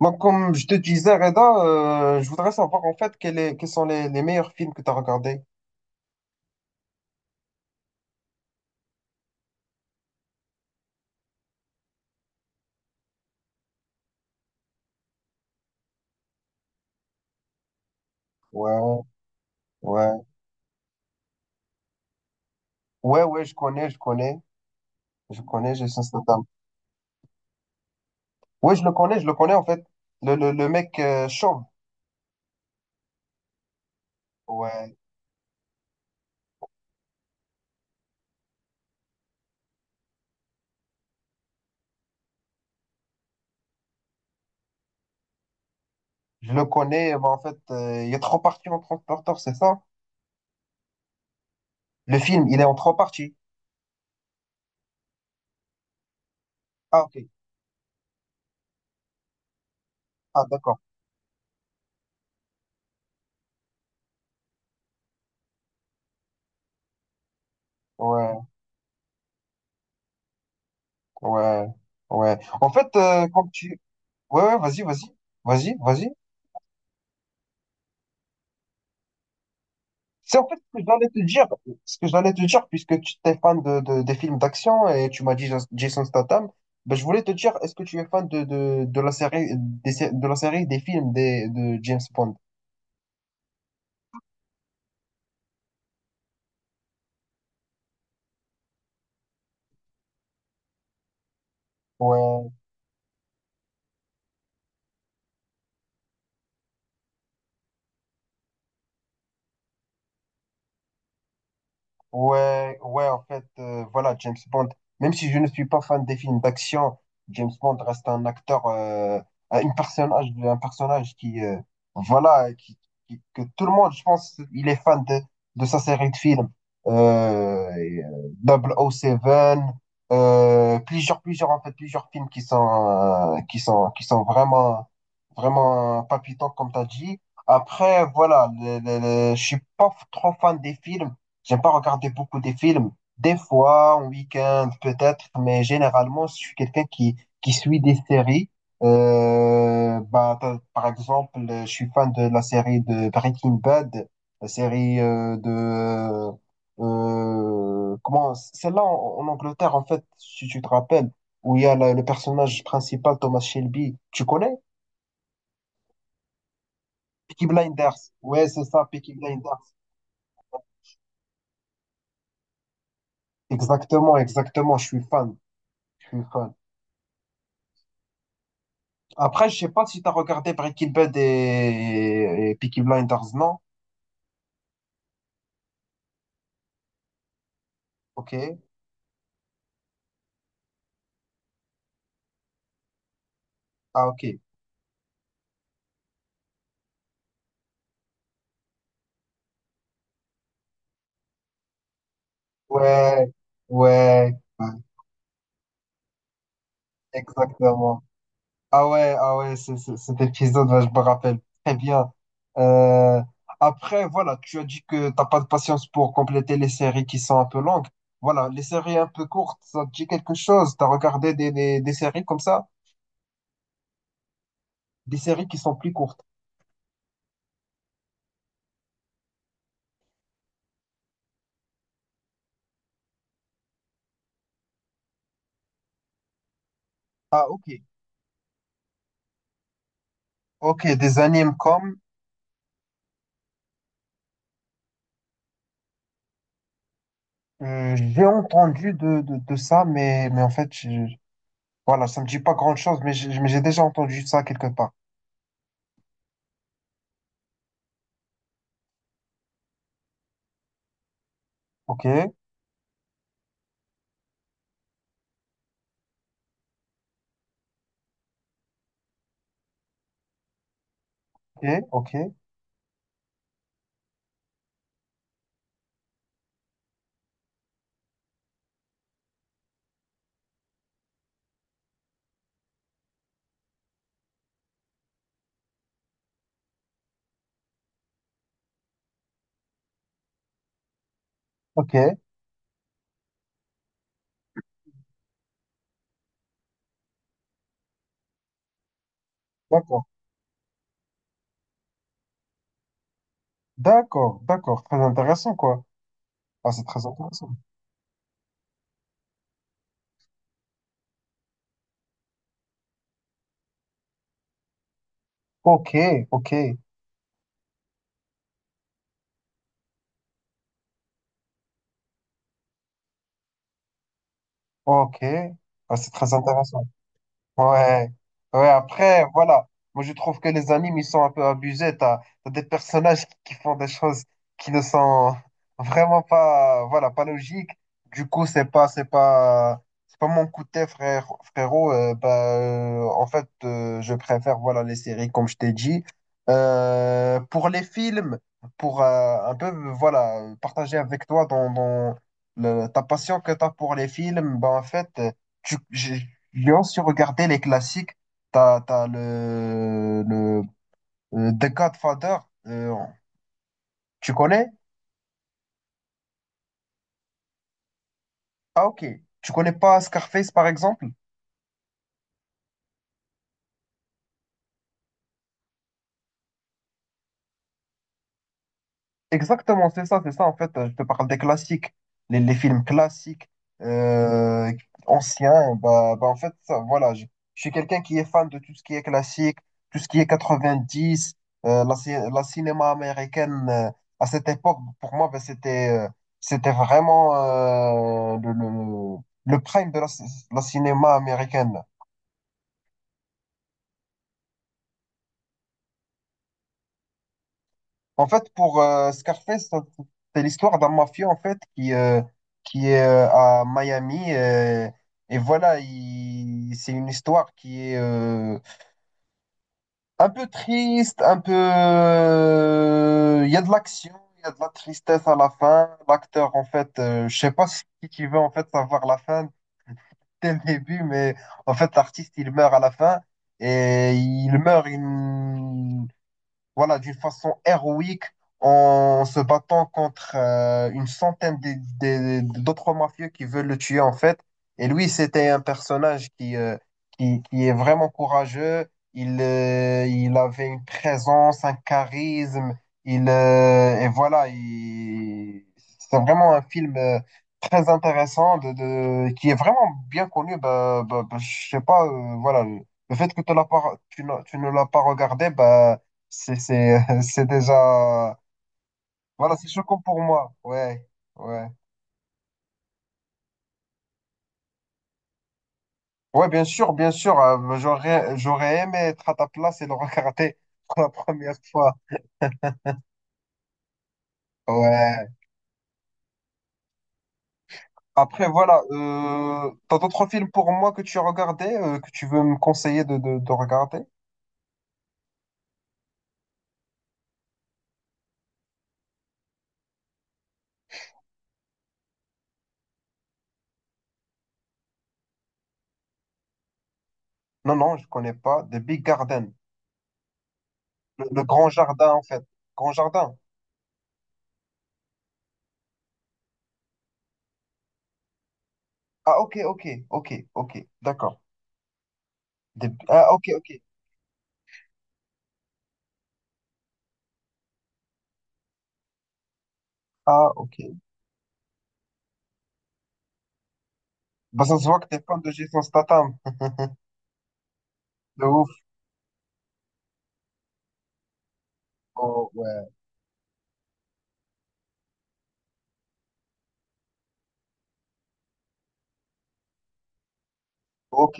Moi, comme je te disais, Reda, je voudrais savoir en fait quels sont les meilleurs films que tu as regardés. Ouais, ouais. Ouais, ouais, je connais. Je connais Jason Statham. Ouais, je le connais en fait. Le mec chauve. Ouais, je le connais. Bah, en fait, il y a trois parties en Transporteur, c'est ça? Le film, il est en trois parties. Ah, ok. Ah, d'accord. Ouais, ouais, ouais. En fait, quand tu... Ouais, ouais, vas-y. Vas-y. C'est en fait ce que j'allais te dire, ce que j'allais te dire, puisque tu es fan des films d'action et tu m'as dit Jason Statham, ben je voulais te dire, est-ce que tu es fan de la série, de la série des films de James Bond? Ouais. Ouais, ouais, en fait, voilà, James Bond, même si je ne suis pas fan des films d'action, James Bond reste un acteur, un une personnage, un personnage qui, voilà, que tout le monde, je pense, il est fan de sa série de films. Euh, et, euh, 007, en fait, plusieurs films qui sont, qui sont vraiment palpitants, comme tu as dit. Après, voilà, je suis pas trop fan des films. J'aime pas regarder beaucoup de films. Des fois, en week-end, peut-être, mais généralement, je suis qui suit des séries. Par exemple, je suis fan de la série de Breaking Bad, la série de... comment... Celle-là, en Angleterre, en fait, si tu te rappelles, où il y a le personnage principal, Thomas Shelby. Tu connais? Peaky Blinders. Ouais, c'est ça, Peaky Blinders. Exactement, exactement, je suis fan. Je suis fan. Après, je sais pas si tu as regardé et Peaky Blinders, non? Ok. Ah, ok. Ouais, ouais, ouais, exactement. Ah ouais, ah ouais, cet épisode, ouais, je me rappelle très bien. Euh, Après, voilà, tu as dit que t'as pas de patience pour compléter les séries qui sont un peu longues. Voilà, les séries un peu courtes, ça te dit quelque chose? T'as regardé des séries comme ça? Des séries qui sont plus courtes. Ah, ok. Ok, des animes comme... j'ai entendu de ça, mais, voilà, ça me dit pas grand-chose, mais j'ai déjà entendu ça quelque part. Ok, ok, ok, ok, d'accord, d'accord, d'accord, très intéressant, quoi. Ah, c'est très intéressant. Ok, ok, ok, ah, c'est très intéressant. Ouais, ouais, après, voilà. Moi, je trouve que les animes, ils sont un peu abusés. T'as des personnages qui font des choses qui ne sont vraiment pas, voilà, pas logiques. Du coup, c'est pas mon coup de thé, frère, frérot. Je préfère, voilà, les séries, comme je t'ai dit. Pour les films, pour un peu, voilà, partager avec toi dans ta passion que t'as pour les films, bah, en fait, Lyon, si vous regardez les classiques, t'as le The Godfather, euh, tu connais? Ah ok. Tu connais pas Scarface par exemple? Exactement, c'est ça, c'est ça. En fait, je te parle des classiques, les films classiques, euh, anciens. En fait, ça, voilà, je suis quelqu'un qui est fan de tout ce qui est classique, tout ce qui est 90, la cinéma américaine. À cette époque, pour moi, c'était vraiment le prime la cinéma américaine. En fait, pour Scarface, c'est l'histoire d'un mafieux en fait qui est à Miami, et voilà, c'est une histoire qui est un peu triste, un peu il y a de l'action, il y a de la tristesse à la fin. L'acteur en fait, je sais pas si tu veux en fait savoir la fin dès le début, mais en fait l'artiste il meurt à la fin et il meurt une voilà, d'une façon héroïque en se battant contre une centaine d'autres mafieux qui veulent le tuer en fait. Et lui, c'était un personnage qui est vraiment courageux. Il avait une présence, un charisme. Il, et voilà, il... C'est vraiment un film très intéressant qui est vraiment bien connu. Je sais pas, voilà, le fait que tu l'as pas, tu ne l'as pas regardé, bah, c'est déjà. Voilà, c'est choquant pour moi. Ouais, ouais. Ouais, bien sûr, bien sûr. J'aurais aimé être à ta place et le regarder pour la première fois. Ouais. Après, voilà. T'as d'autres films pour moi que tu as regardé, que tu veux me conseiller de regarder? Non, non, je connais pas. The Big Garden. Le grand jardin, en fait. Grand jardin. Ah, ok, ok, ok, ok. D'accord. The- ah, ok, ok. Ah, ok. Bah, ça se voit que t'es fan de Jason Statham. De ouf. Oh, ouais. Ok,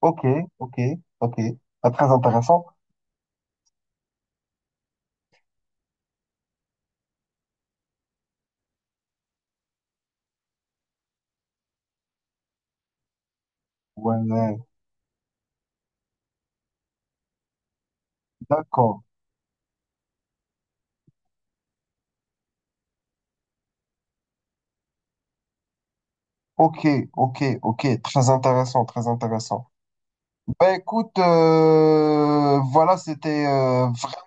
ok, ok, ok. Pas très intéressant. Ouais, ouais. D'accord. Ok, ok, ok. Très intéressant, très intéressant. Bah écoute, voilà, c'était vraiment...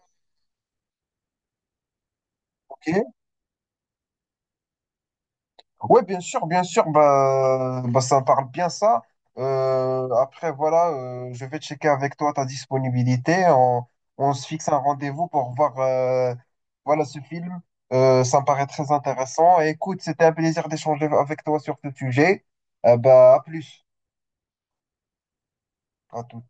Oui, bien sûr, bah, bah, ça me parle bien ça. Après, voilà, je vais checker avec toi ta disponibilité. On se fixe un rendez-vous pour voir voilà, ce film. Ça me paraît très intéressant. Et écoute, c'était un plaisir d'échanger avec toi sur ce sujet. Bah, à plus. À tout.